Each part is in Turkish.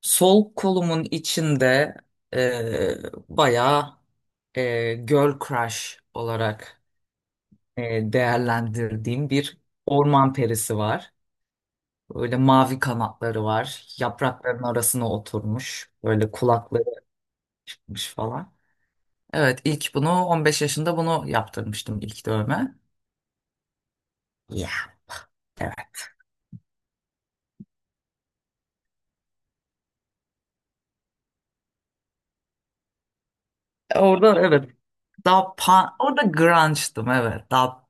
Sol kolumun içinde e, bayağı girl crush olarak değerlendirdiğim bir orman perisi var. Böyle mavi kanatları var. Yaprakların arasına oturmuş. Böyle kulakları varmış falan. Evet ilk bunu 15 yaşında bunu yaptırmıştım ilk dövme. Yeah. Evet. Orada evet. Daha punk, orada grunge'dım evet. Daha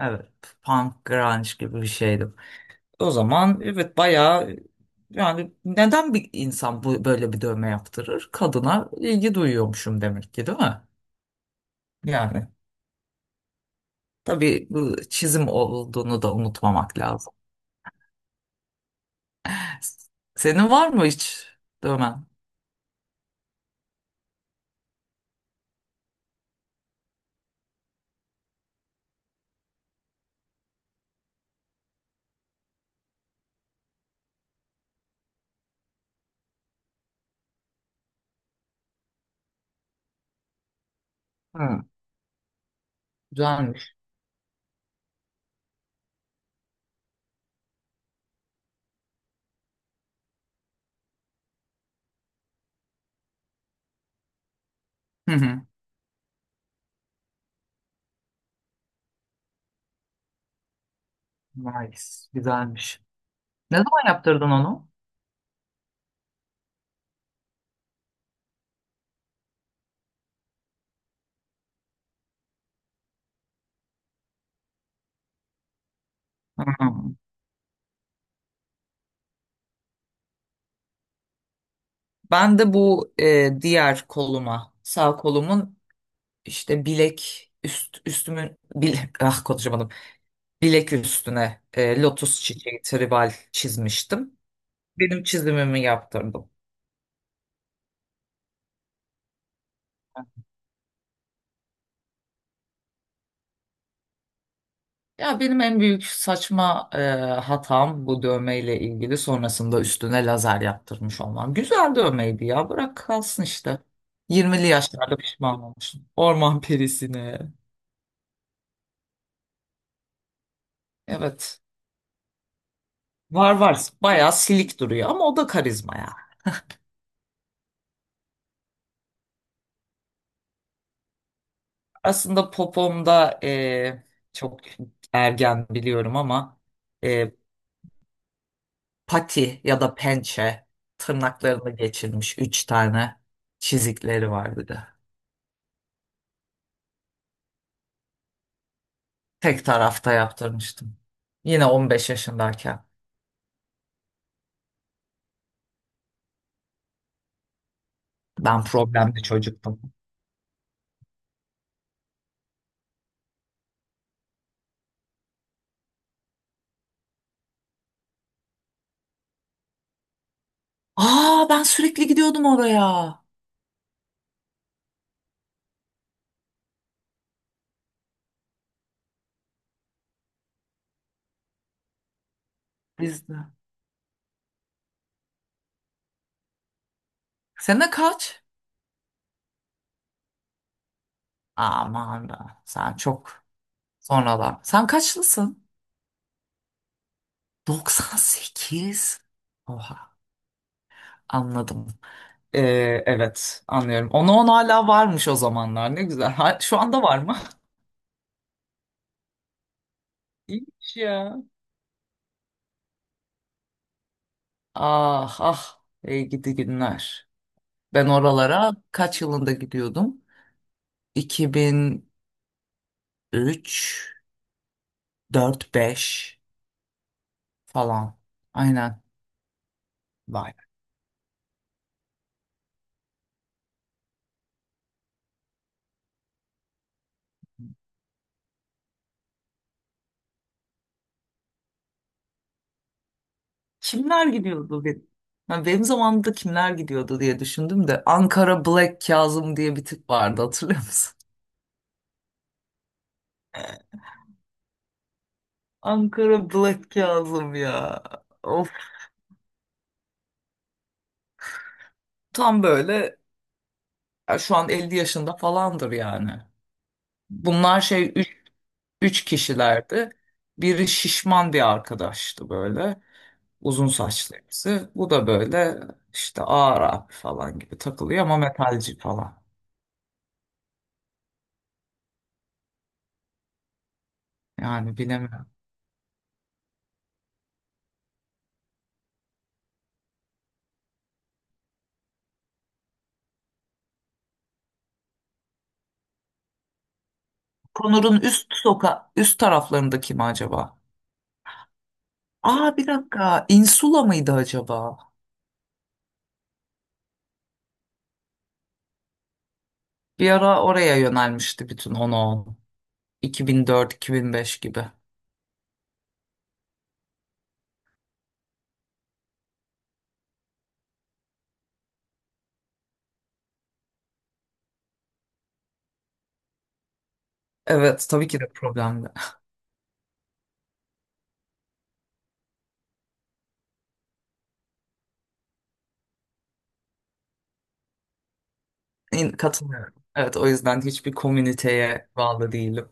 evet punk grunge gibi bir şeydim. O zaman evet bayağı yani neden bir insan bu böyle bir dövme yaptırır? Kadına ilgi duyuyormuşum demek ki, değil mi? Yani tabii bu çizim olduğunu da unutmamak lazım. Senin var mı hiç dövmen? Hı, güzelmiş. Hı hı. Nice, güzelmiş. Ne zaman yaptırdın onu? Hı. Ben de bu diğer koluma, sağ kolumun işte bilek üst üstümün bilek ah konuşamadım. Bilek üstüne lotus çiçeği tribal çizmiştim. Benim çizimimi yaptırdım. Ya benim en büyük saçma hatam bu dövmeyle ilgili sonrasında üstüne lazer yaptırmış olmam. Güzel dövmeydi ya, bırak kalsın işte. Yirmili yaşlarda pişman olmuşum. Orman perisine. Evet. Var var bayağı silik duruyor ama o da karizma ya. Aslında popomda çok ergen biliyorum ama e, pati ya da pençe tırnaklarını geçirmiş üç tane çizikleri var bir de. Tek tarafta yaptırmıştım. Yine 15 yaşındayken. Ben problemli çocuktum. Aa ben sürekli gidiyordum oraya. Biz de. Sene kaç? Aman da sen çok sonralar. Sen kaçlısın? 98. Oha anladım. Ee, evet anlıyorum. Ona on hala varmış o zamanlar, ne güzel. Şu anda var mı? İyiymiş ya. Ah ah, ey gidi günler. Ben oralara kaç yılında gidiyordum? 2003, 4, 5 falan. Aynen. Vay. Kimler gidiyordu benim? Ha, benim zamanımda kimler gidiyordu diye düşündüm de Ankara Black Kazım diye bir tip vardı, hatırlıyor musun? Ankara Black Kazım ya. Of, tam böyle, ya şu an 50 yaşında falandır yani. Bunlar şey, üç kişilerdi. Biri şişman bir arkadaştı böyle. Uzun saçlı birisi. Bu da böyle işte ağır abi falan gibi takılıyor ama metalci falan. Yani bilemiyorum. Konur'un üst taraflarında kim acaba? Aa, bir dakika. Insula mıydı acaba? Bir ara oraya yönelmişti bütün on on, 2004 2005 gibi. Evet tabii ki de problemli. Katılıyorum. Evet, o yüzden hiçbir komüniteye bağlı değilim.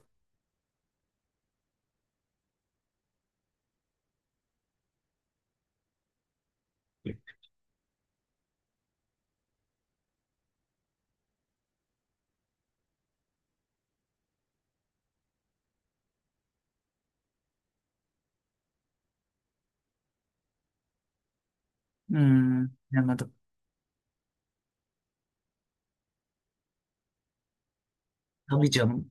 Hmm, bilemedim. Tabii canım.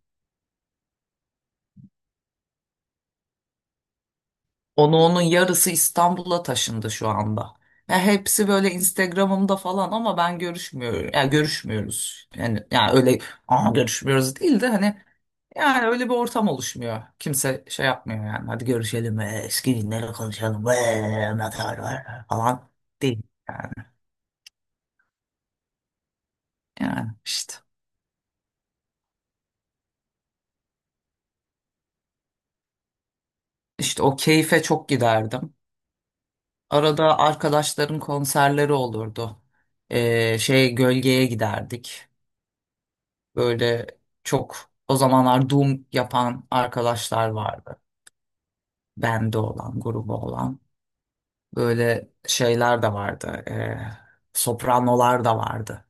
Onu onun yarısı İstanbul'a taşındı şu anda. Ya hepsi böyle Instagram'ımda falan ama ben görüşmüyorum. Ya görüşmüyoruz. Yani ya öyle, aa görüşmüyoruz değil de hani, yani öyle bir ortam oluşmuyor. Kimse şey yapmıyor yani. Hadi görüşelim, eski günleri konuşalım. Neler var falan değil yani. Yani işte o keyfe çok giderdim. Arada arkadaşların konserleri olurdu. Şey gölgeye giderdik. Böyle çok o zamanlar Doom yapan arkadaşlar vardı. Bende olan, grubu olan. Böyle şeyler de vardı. Sopranolar da vardı.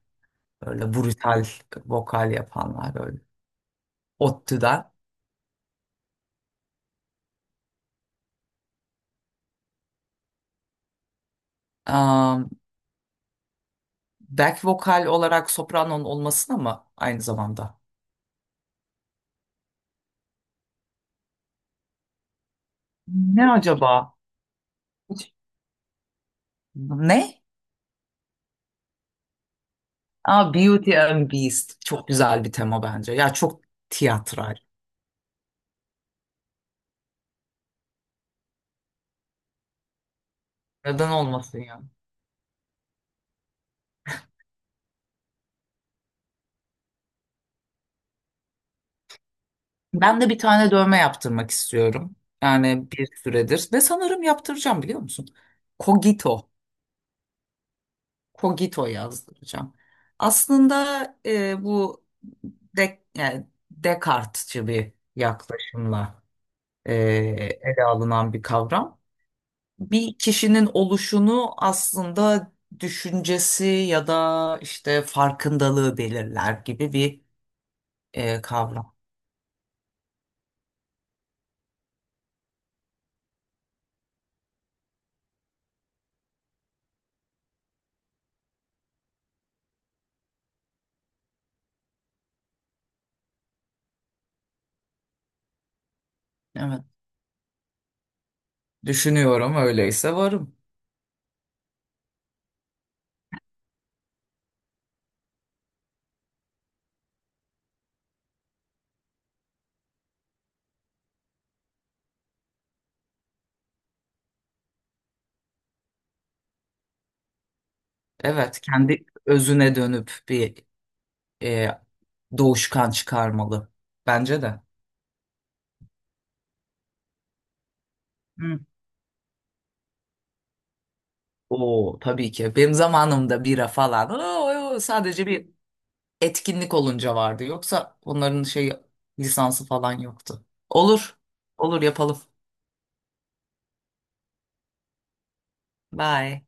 Böyle brutal vokal yapanlar böyle. ODTÜ'den. Am, back vokal olarak sopranonun olmasına mı aynı zamanda? Ne acaba? Hiç- Ne? Aa, Beauty and Beast. Çok güzel bir tema bence. Ya çok tiyatral. Neden olmasın ya? Ben de bir tane dövme yaptırmak istiyorum. Yani bir süredir. Ve sanırım yaptıracağım, biliyor musun? Kogito. Kogito yazdıracağım. Aslında e, bu yani Descartes'çi bir yaklaşımla e, ele alınan bir kavram. Bir kişinin oluşunu aslında düşüncesi ya da işte farkındalığı belirler gibi bir kavram. Evet. Düşünüyorum öyleyse varım. Evet, kendi özüne dönüp bir e, doğuşkan çıkarmalı. Bence de. Hı. Oo, tabii ki. Benim zamanımda bira falan sadece bir etkinlik olunca vardı. Yoksa onların şey lisansı falan yoktu. Olur. Olur yapalım. Bye.